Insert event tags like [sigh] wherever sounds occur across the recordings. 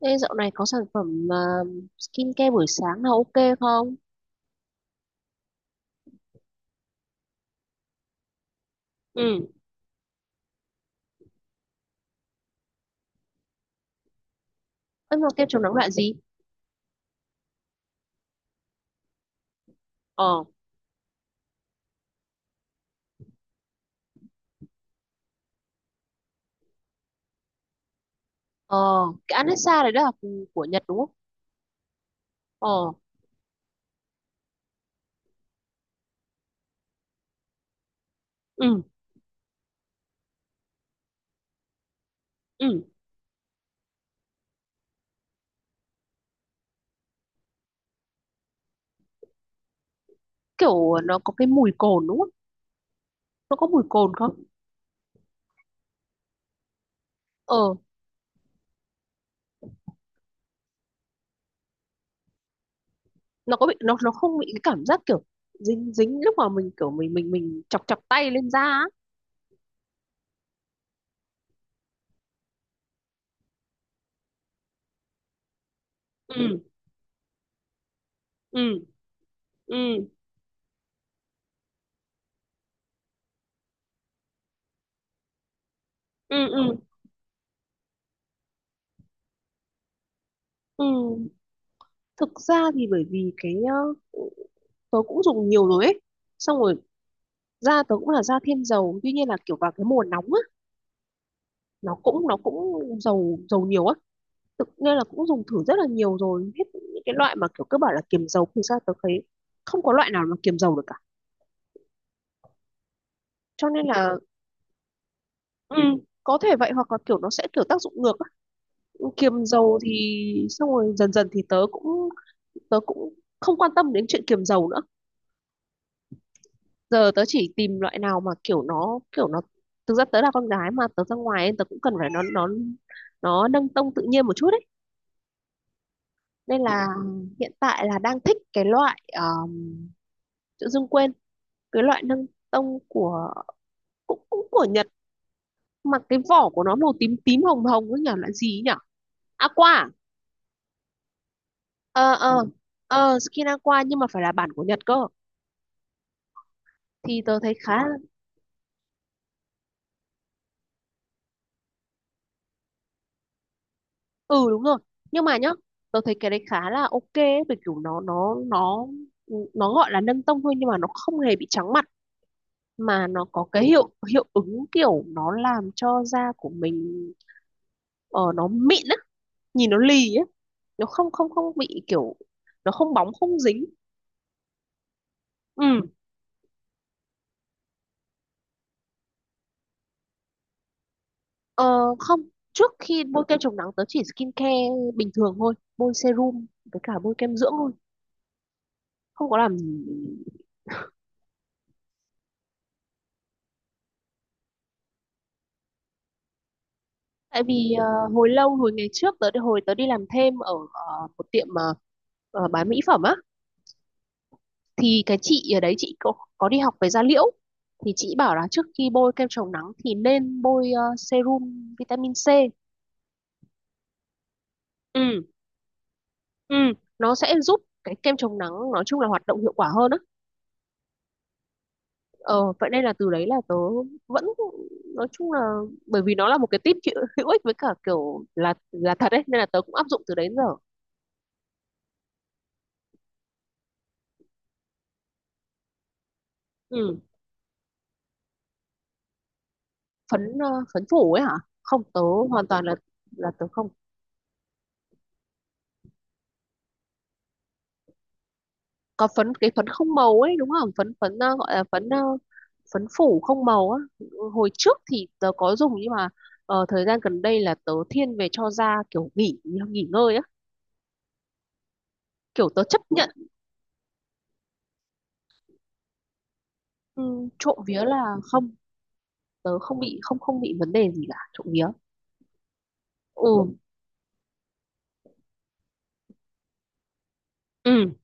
Ê, dạo này có sản phẩm skincare buổi sáng nào ok không? Ừ. Em mà kem chống nắng loại gì? Ờ. Ờ. Cái Anessa đấy là của Nhật đúng không? Ờ. Ừ. Ừ. Kiểu nó có cái mùi cồn đúng không? Nó có mùi cồn không? Ờ. Nó có bị nó không bị cái cảm giác kiểu dính dính lúc mà mình kiểu mình chọc chọc tay lên da á. Ừ. Ừ. Ừ. Ừ. Ừ. Ừ. Thực ra thì bởi vì tớ cũng dùng nhiều rồi ấy, xong rồi da tớ cũng là da thiên dầu, tuy nhiên là kiểu vào cái mùa nóng á, nó cũng dầu dầu nhiều á, tự nên là cũng dùng thử rất là nhiều rồi hết những cái loại mà kiểu cứ bảo là kiềm dầu thì sao tớ thấy không có loại nào mà kiềm dầu được cả, cho nên là ừ, có thể vậy hoặc là kiểu nó sẽ kiểu tác dụng ngược á. Kiềm dầu thì xong rồi dần dần thì tớ cũng không quan tâm đến chuyện kiềm dầu nữa. Giờ tớ chỉ tìm loại nào mà kiểu nó thực ra tớ là con gái mà, tớ ra ngoài ấy, tớ cũng cần phải nó nâng tông tự nhiên một chút ấy, nên là hiện tại là đang thích cái loại tự dưng quên cái loại nâng tông của cũng cũng của Nhật, mà cái vỏ của nó màu tím tím hồng hồng ấy nhỉ, loại gì ấy nhỉ, aqua à? Ờ. Ừ. Ờ. Ờ skin aqua, nhưng mà phải là bản của Nhật cơ, thì tớ thấy khá ừ đúng rồi. Nhưng mà nhá, tớ thấy cái đấy khá là ok ấy, bởi kiểu nó ừ, nó gọi là nâng tông thôi nhưng mà nó không hề bị trắng mặt, mà nó có cái hiệu hiệu ứng kiểu nó làm cho da của mình ờ, nó mịn á, nhìn nó lì á, nó không không không bị kiểu nó không bóng không dính. Ừ. ờ, không, trước khi bôi kem chống nắng tớ chỉ skin care bình thường thôi, bôi serum với cả bôi kem dưỡng thôi, không có làm gì. Tại vì hồi lâu hồi ngày trước tớ hồi tớ đi làm thêm ở một tiệm bán mỹ phẩm á, thì cái chị ở đấy chị có đi học về da liễu, thì chị bảo là trước khi bôi kem chống nắng thì nên bôi serum vitamin C. Ừ. Ừ, nó sẽ giúp cái kem chống nắng nói chung là hoạt động hiệu quả hơn á. Ờ, vậy nên là từ đấy là tớ vẫn nói chung là bởi vì nó là một cái tip hữu hữu ích với cả kiểu là thật đấy, nên là tớ cũng áp dụng từ đấy đến giờ. Ừ. Phấn phấn phủ ấy hả? Không, tớ hoàn toàn là tớ không có phấn, cái phấn không màu ấy đúng không, phấn phấn gọi là phấn phấn phủ không màu á. Hồi trước thì tớ có dùng nhưng mà ờ, thời gian gần đây là tớ thiên về cho da kiểu nghỉ nghỉ ngơi á, kiểu tớ chấp nhận. Ừ, trộm vía là không, tớ không bị không không bị vấn đề gì cả, trộm vía. Ừ. Ừ.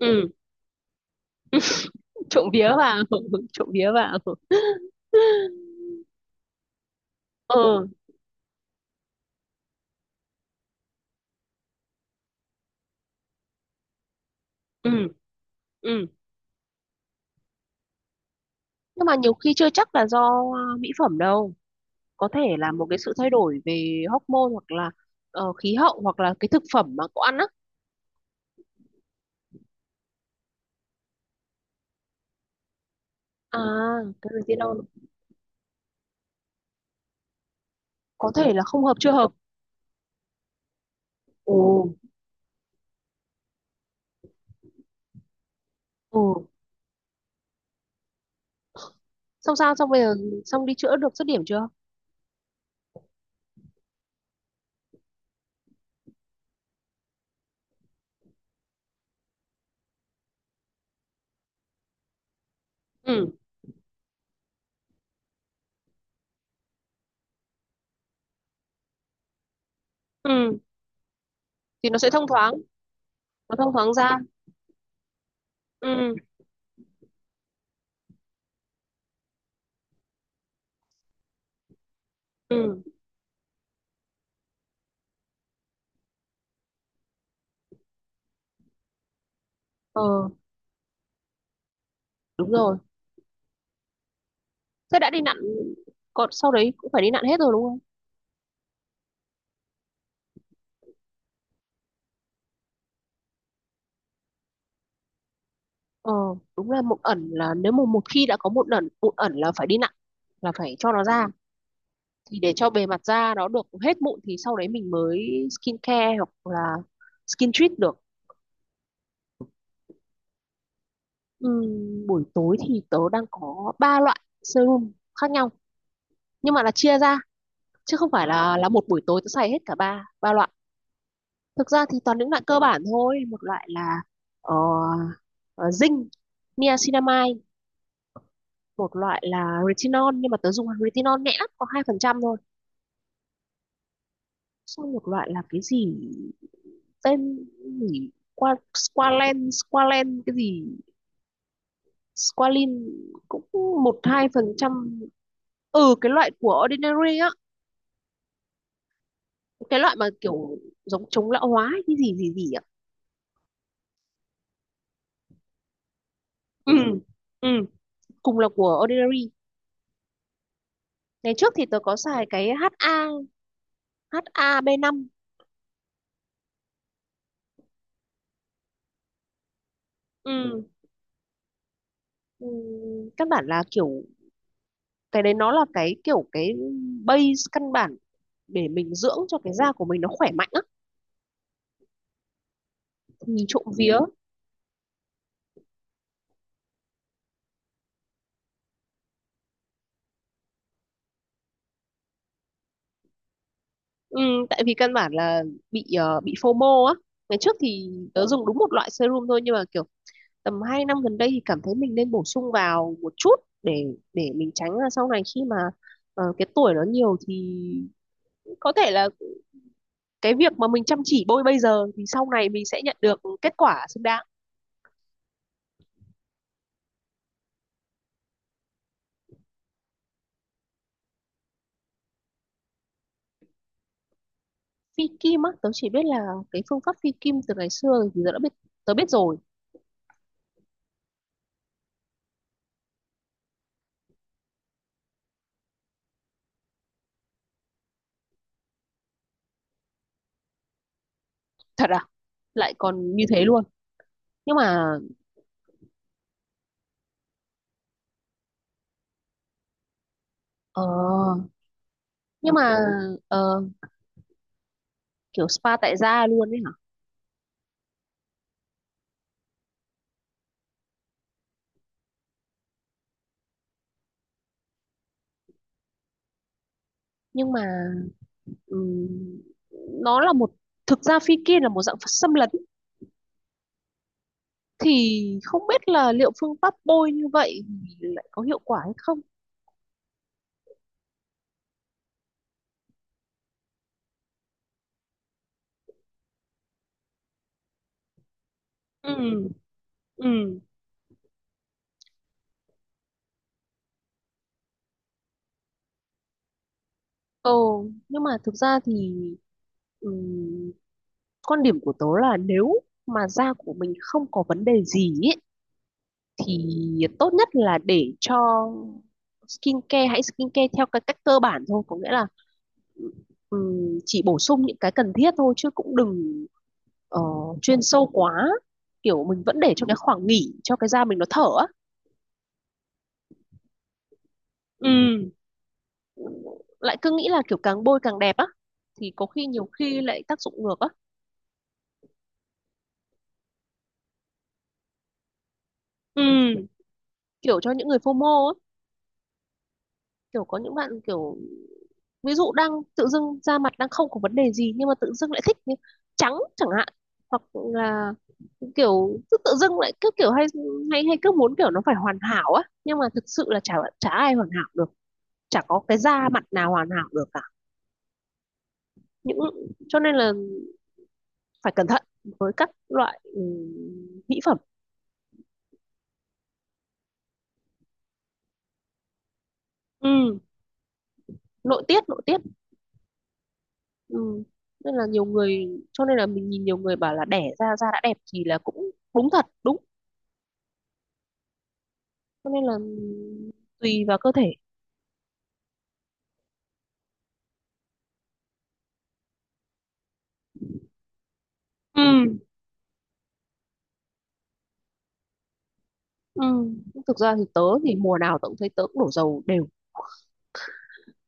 Ừ. Trộm vía vào [laughs] trộm vía vào. Ừ. Ừ. Ừ. Nhưng mà nhiều khi chưa chắc là do mỹ phẩm đâu, có thể là một cái sự thay đổi về hormone hoặc là khí hậu hoặc là cái thực phẩm mà cậu ăn á. À, retinol, có thể là không hợp chưa hợp. Ồ. Ồ. Xong sao xong bây giờ, xong đi chữa được dứt điểm chưa? Ừ. Ừ thì nó sẽ thông thoáng, nó thông thoáng ra. Ừ. Ừ. Ờ đúng rồi, thế đã đi nặn còn sau đấy cũng phải đi nặn hết rồi đúng không? Ờ đúng là mụn ẩn là nếu mà một khi đã có mụn ẩn, mụn ẩn là phải đi nặn, là phải cho nó ra, thì để cho bề mặt da nó được hết mụn thì sau đấy mình mới skin care hoặc là skin treat được. Buổi tối thì tớ đang có ba loại serum khác nhau, nhưng mà là chia ra chứ không phải là một buổi tối tớ xài hết cả ba ba loại. Thực ra thì toàn những loại cơ bản thôi, một loại là ờ, ờ, zinc niacinamide. Một loại là retinol, nhưng mà tớ dùng retinol nhẹ lắm, có 2% thôi. Xong một loại là cái gì tên gì qua Squalen Squalen cái gì Squalin cũng 1-2%. Ừ, cái loại của Ordinary á, cái loại mà kiểu giống chống lão hóa cái gì gì gì ạ. Ừ. Ừ, cùng là của Ordinary. Ngày trước thì tớ có xài cái HA, HAB5. Ừ. Ừ, căn bản là kiểu cái đấy nó là cái kiểu cái base căn bản để mình dưỡng cho cái da của mình nó khỏe mạnh á, nhìn trộm vía. Ừ, tại vì căn bản là bị bị FOMO á. Ngày trước thì tớ dùng đúng một loại serum thôi nhưng mà kiểu tầm 2 năm gần đây thì cảm thấy mình nên bổ sung vào một chút để để mình tránh là sau này khi mà cái tuổi nó nhiều thì có thể là cái việc mà mình chăm chỉ bôi bây giờ thì sau này mình sẽ nhận được kết quả xứng đáng. Phi kim á, tớ chỉ biết là cái phương pháp phi kim từ ngày xưa thì tớ đã biết, tớ biết rồi. Thật à? Lại còn như thế luôn. Nhưng mà ờ nhưng mà ờ, kiểu spa tại gia luôn ấy hả? Nhưng mà ừm, nó là một thực ra phi kim là một dạng xâm lấn, thì không biết là liệu phương pháp bôi như vậy thì lại có hiệu quả hay không. Ừ. Ừ. Ồ. Nhưng mà thực ra thì ừm, quan điểm của tớ là nếu mà da của mình không có vấn đề gì ấy, thì tốt nhất là để cho skincare, hãy skincare theo cái cách cơ bản thôi, có nghĩa là ừm, chỉ bổ sung những cái cần thiết thôi chứ cũng đừng ờ, chuyên sâu quá, kiểu mình vẫn để cho cái khoảng nghỉ cho cái da mình nó thở á. Ừ. Lại cứ nghĩ là kiểu càng bôi càng đẹp á thì có khi nhiều khi lại tác dụng ngược á. Ừ, kiểu cho những người FOMO á, kiểu có những bạn kiểu ví dụ đang tự dưng da mặt đang không có vấn đề gì nhưng mà tự dưng lại thích như trắng chẳng hạn, hoặc là kiểu cứ tự dưng lại cứ kiểu hay hay hay cứ muốn kiểu nó phải hoàn hảo á, nhưng mà thực sự là chả chả ai hoàn hảo được, chả có cái da mặt nào hoàn hảo được cả, những cho nên là phải cẩn thận với các loại mỹ phẩm. Ừ, nội tiết. Ừ. Nên là nhiều người cho nên là mình nhìn nhiều người bảo là đẻ ra da đã đẹp thì là cũng đúng thật đúng, cho nên là tùy vào cơ thể. Ừ. Ừ. Thực ra thì tớ thì mùa nào tớ cũng thấy tớ cũng đổ dầu đều,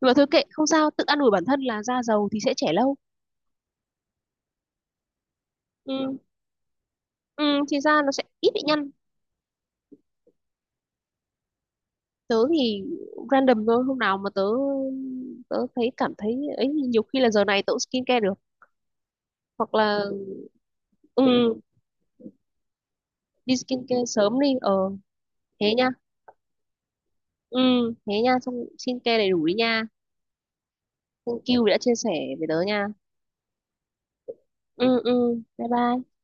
nhưng mà thôi kệ không sao, tự an ủi bản thân là da dầu thì sẽ trẻ lâu. Ừ. Ừ thì da nó sẽ ít bị nhăn. Tớ thì random thôi, hôm nào mà tớ tớ thấy cảm thấy ấy nhiều khi là giờ này tớ cũng skincare được, hoặc là ừ đi skincare sớm đi. Ờ thế nha. Ừ thế nha, xong skincare đầy đủ đi nha, thank you vì đã chia sẻ với tớ nha. Ừ ừ bye bye.